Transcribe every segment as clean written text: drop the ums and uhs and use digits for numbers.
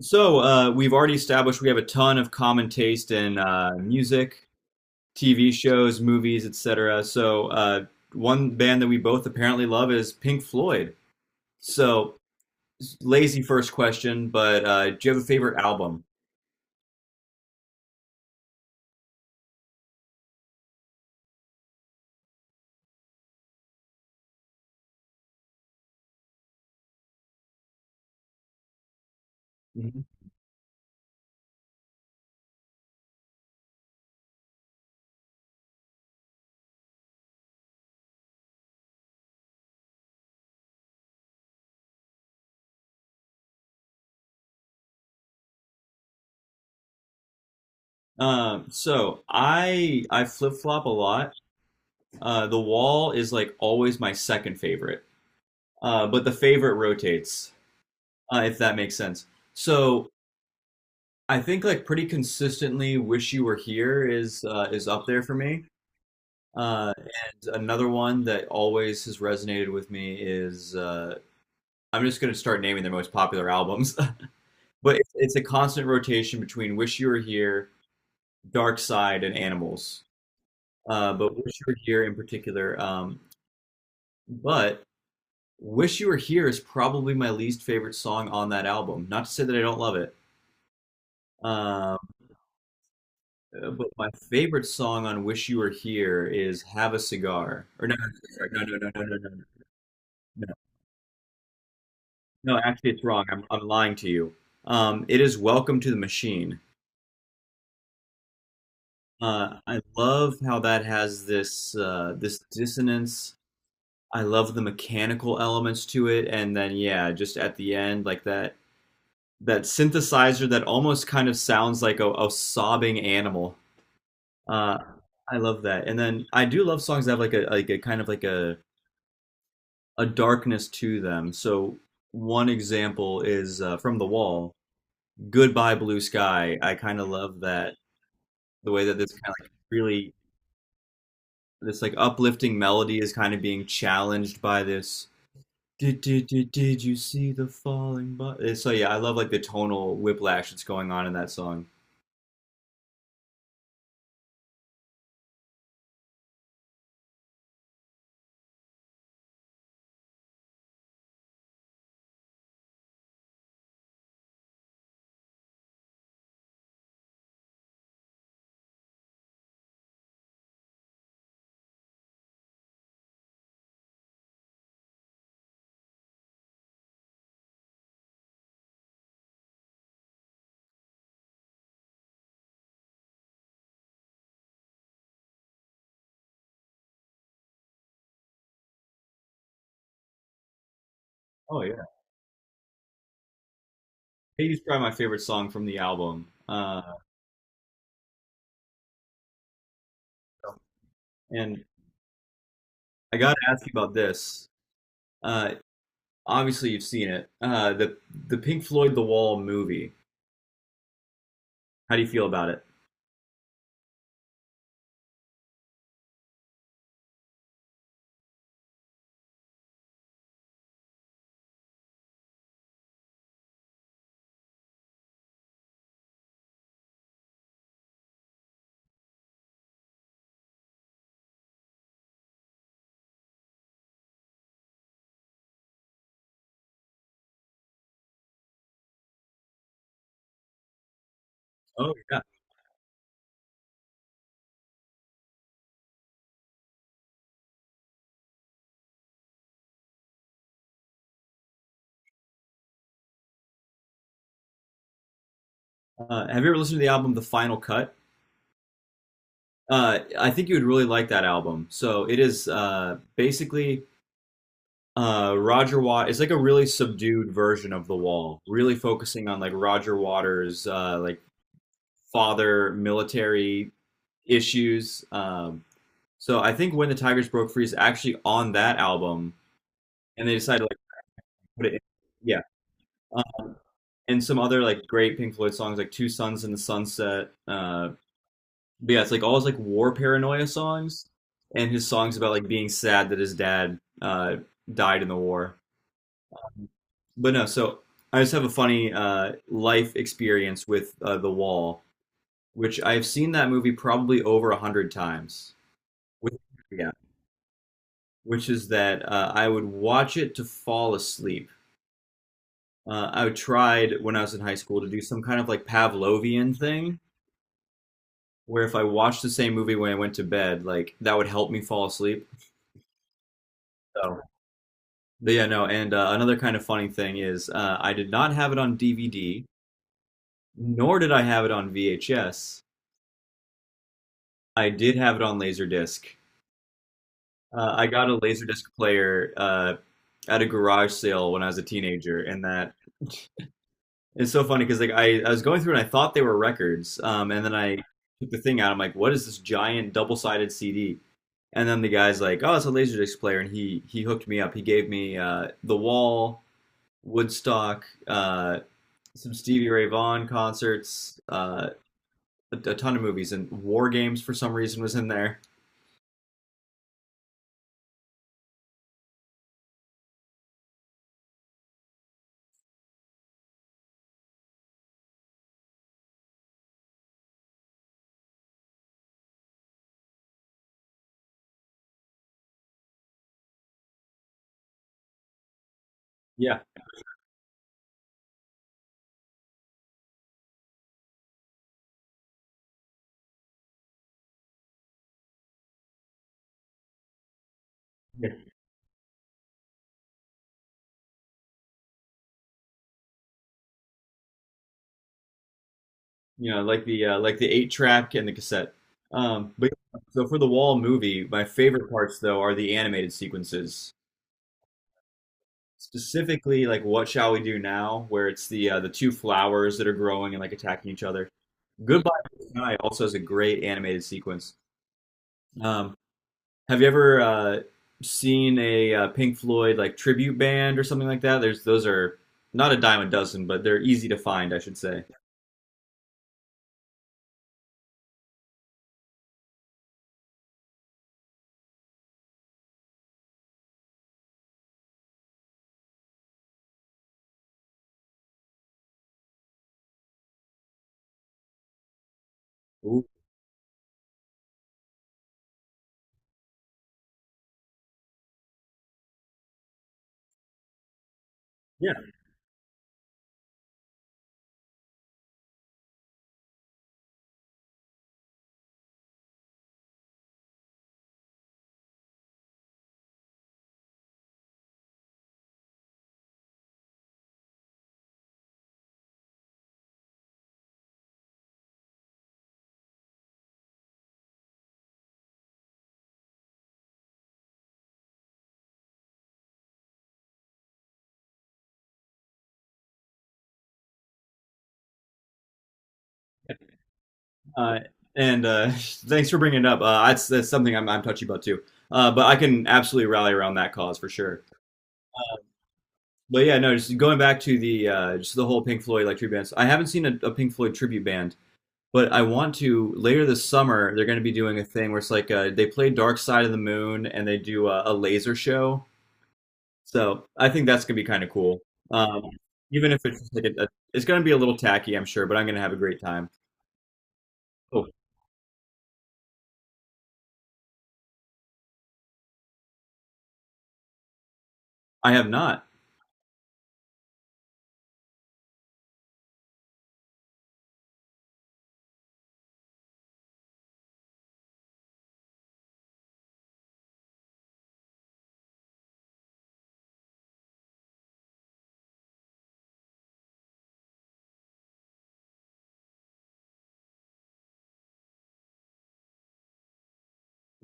We've already established we have a ton of common taste in music, TV shows, movies, etc. One band that we both apparently love is Pink Floyd. So lazy first question, but do you have a favorite album? Mhm. So I flip flop a lot. The Wall is like always my second favorite, but the favorite rotates, if that makes sense. So I think like pretty consistently "Wish You Were Here" is up there for me. And another one that always has resonated with me is I'm just going to start naming their most popular albums, but it's a constant rotation between "Wish You Were Here," "Dark Side," and "Animals." But "Wish You Were Here" in particular. But "Wish You Were Here" is probably my least favorite song on that album. Not to say that I don't love it. Uh, but my favorite song on "Wish You Were Here" is "Have a Cigar." Or no, no, no, no, no, no, no, no, no. No, actually, it's wrong. I'm lying to you. It is "Welcome to the Machine." I love how that has this this dissonance. I love the mechanical elements to it, and then yeah, just at the end, like that synthesizer that almost kind of sounds like a sobbing animal. Uh, I love that, and then I do love songs that have like a kind of like a darkness to them. So one example is from The Wall, "Goodbye Blue Sky." I kind of love that the way that this like uplifting melody is kind of being challenged by this. Did you see the falling? So yeah, I love like the tonal whiplash that's going on in that song. Oh yeah, Hey probably my favorite song from the album. And I gotta ask you about this. Uh, Obviously, you've seen it. The Pink Floyd The Wall movie. How do you feel about it? Oh yeah. Have you ever listened to the album The Final Cut? I think you would really like that album. So it is basically Roger Watt. It's like a really subdued version of The Wall, really focusing on like Roger Waters' like father military issues. So I think when the Tigers broke free is actually on that album, and they decided to like put it in. Yeah, uh, and some other like great Pink Floyd songs like Two Suns in the Sunset, but yeah, it's like all his like war paranoia songs and his songs about like being sad that his dad died in the war. But no, so I just have a funny life experience with The Wall, which I've seen that movie probably over a hundred times. Which, yeah, which is that I would watch it to fall asleep. I tried when I was in high school to do some kind of like Pavlovian thing where if I watched the same movie when I went to bed, like that would help me fall asleep. So but yeah, no, and another kind of funny thing is I did not have it on DVD, nor did I have it on VHS. I did have it on Laserdisc. I got a Laserdisc player at a garage sale when I was a teenager, and that it's so funny because like I was going through and I thought they were records, and then I took the thing out. I'm like, what is this giant double-sided CD? And then the guy's like, oh, it's a Laserdisc player, and he hooked me up. He gave me The Wall, Woodstock, some Stevie Ray Vaughan concerts, a ton of movies, and War Games for some reason was in there. Yeah, yeah. You know, like the eight track and the cassette. But yeah, so for the Wall movie, my favorite parts though are the animated sequences, specifically like "What Shall We Do Now," where it's the two flowers that are growing and like attacking each other. "Goodbye Blue Sky" also has a great animated sequence. Um, Have you ever seen a Pink Floyd like tribute band or something like that? There's those are not a dime a dozen, but they're easy to find, I should say. Ooh. Yeah. Uh, and thanks for bringing it up. That's that's something I'm touchy about too. But I can absolutely rally around that cause for sure. But yeah, no, just going back to the just the whole Pink Floyd like tribute bands. I haven't seen a Pink Floyd tribute band, but I want to later this summer. They're going to be doing a thing where it's like they play Dark Side of the Moon and they do a laser show. So I think that's gonna be kind of cool. Um, Even if it's just like a, it's gonna be a little tacky, I'm sure, but I'm gonna have a great time. Oh, I have not.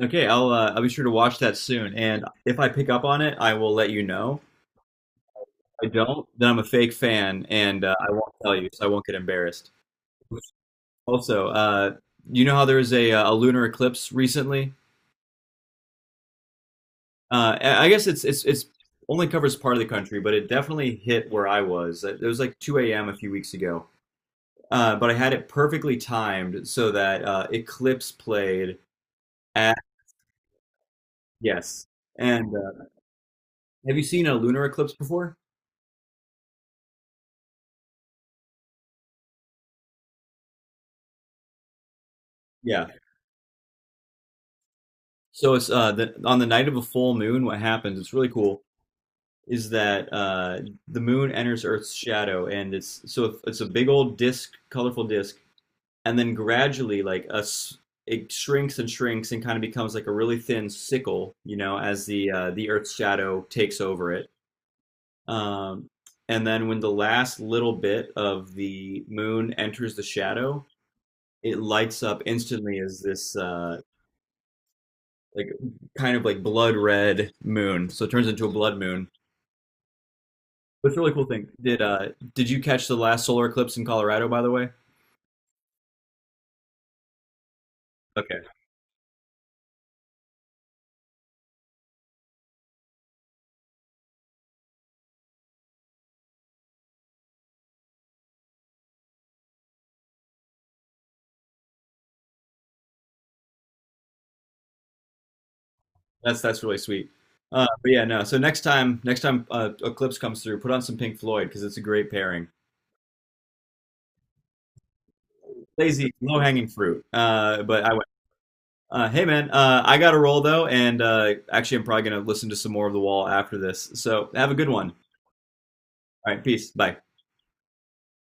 Okay, I'll be sure to watch that soon, and if I pick up on it, I will let you know. If I don't, then I'm a fake fan, and I won't tell you, so I won't get embarrassed. Also, you know how there was a lunar eclipse recently? I guess it's only covers part of the country, but it definitely hit where I was. It was like 2 a.m. a few weeks ago. But I had it perfectly timed so that Eclipse played at. Yes. And have you seen a lunar eclipse before? Yeah. So it's on the night of a full moon. What happens? It's really cool. Is that the moon enters Earth's shadow, and it's so it's a big old disc, colorful disc, and then gradually, like us, it shrinks and shrinks and kind of becomes like a really thin sickle, you know, as the Earth's shadow takes over it. Um, and then when the last little bit of the moon enters the shadow, it lights up instantly as this like kind of like blood red moon. So it turns into a blood moon. But it's a really cool thing. Did you catch the last solar eclipse in Colorado by the way? Okay. That's really sweet. But yeah, no. So next time eclipse comes through, put on some Pink Floyd because it's a great pairing. Lazy, low hanging fruit. But I hey man, I got to roll though, and actually, I'm probably gonna listen to some more of The Wall after this. So have a good one. All right, peace. Bye.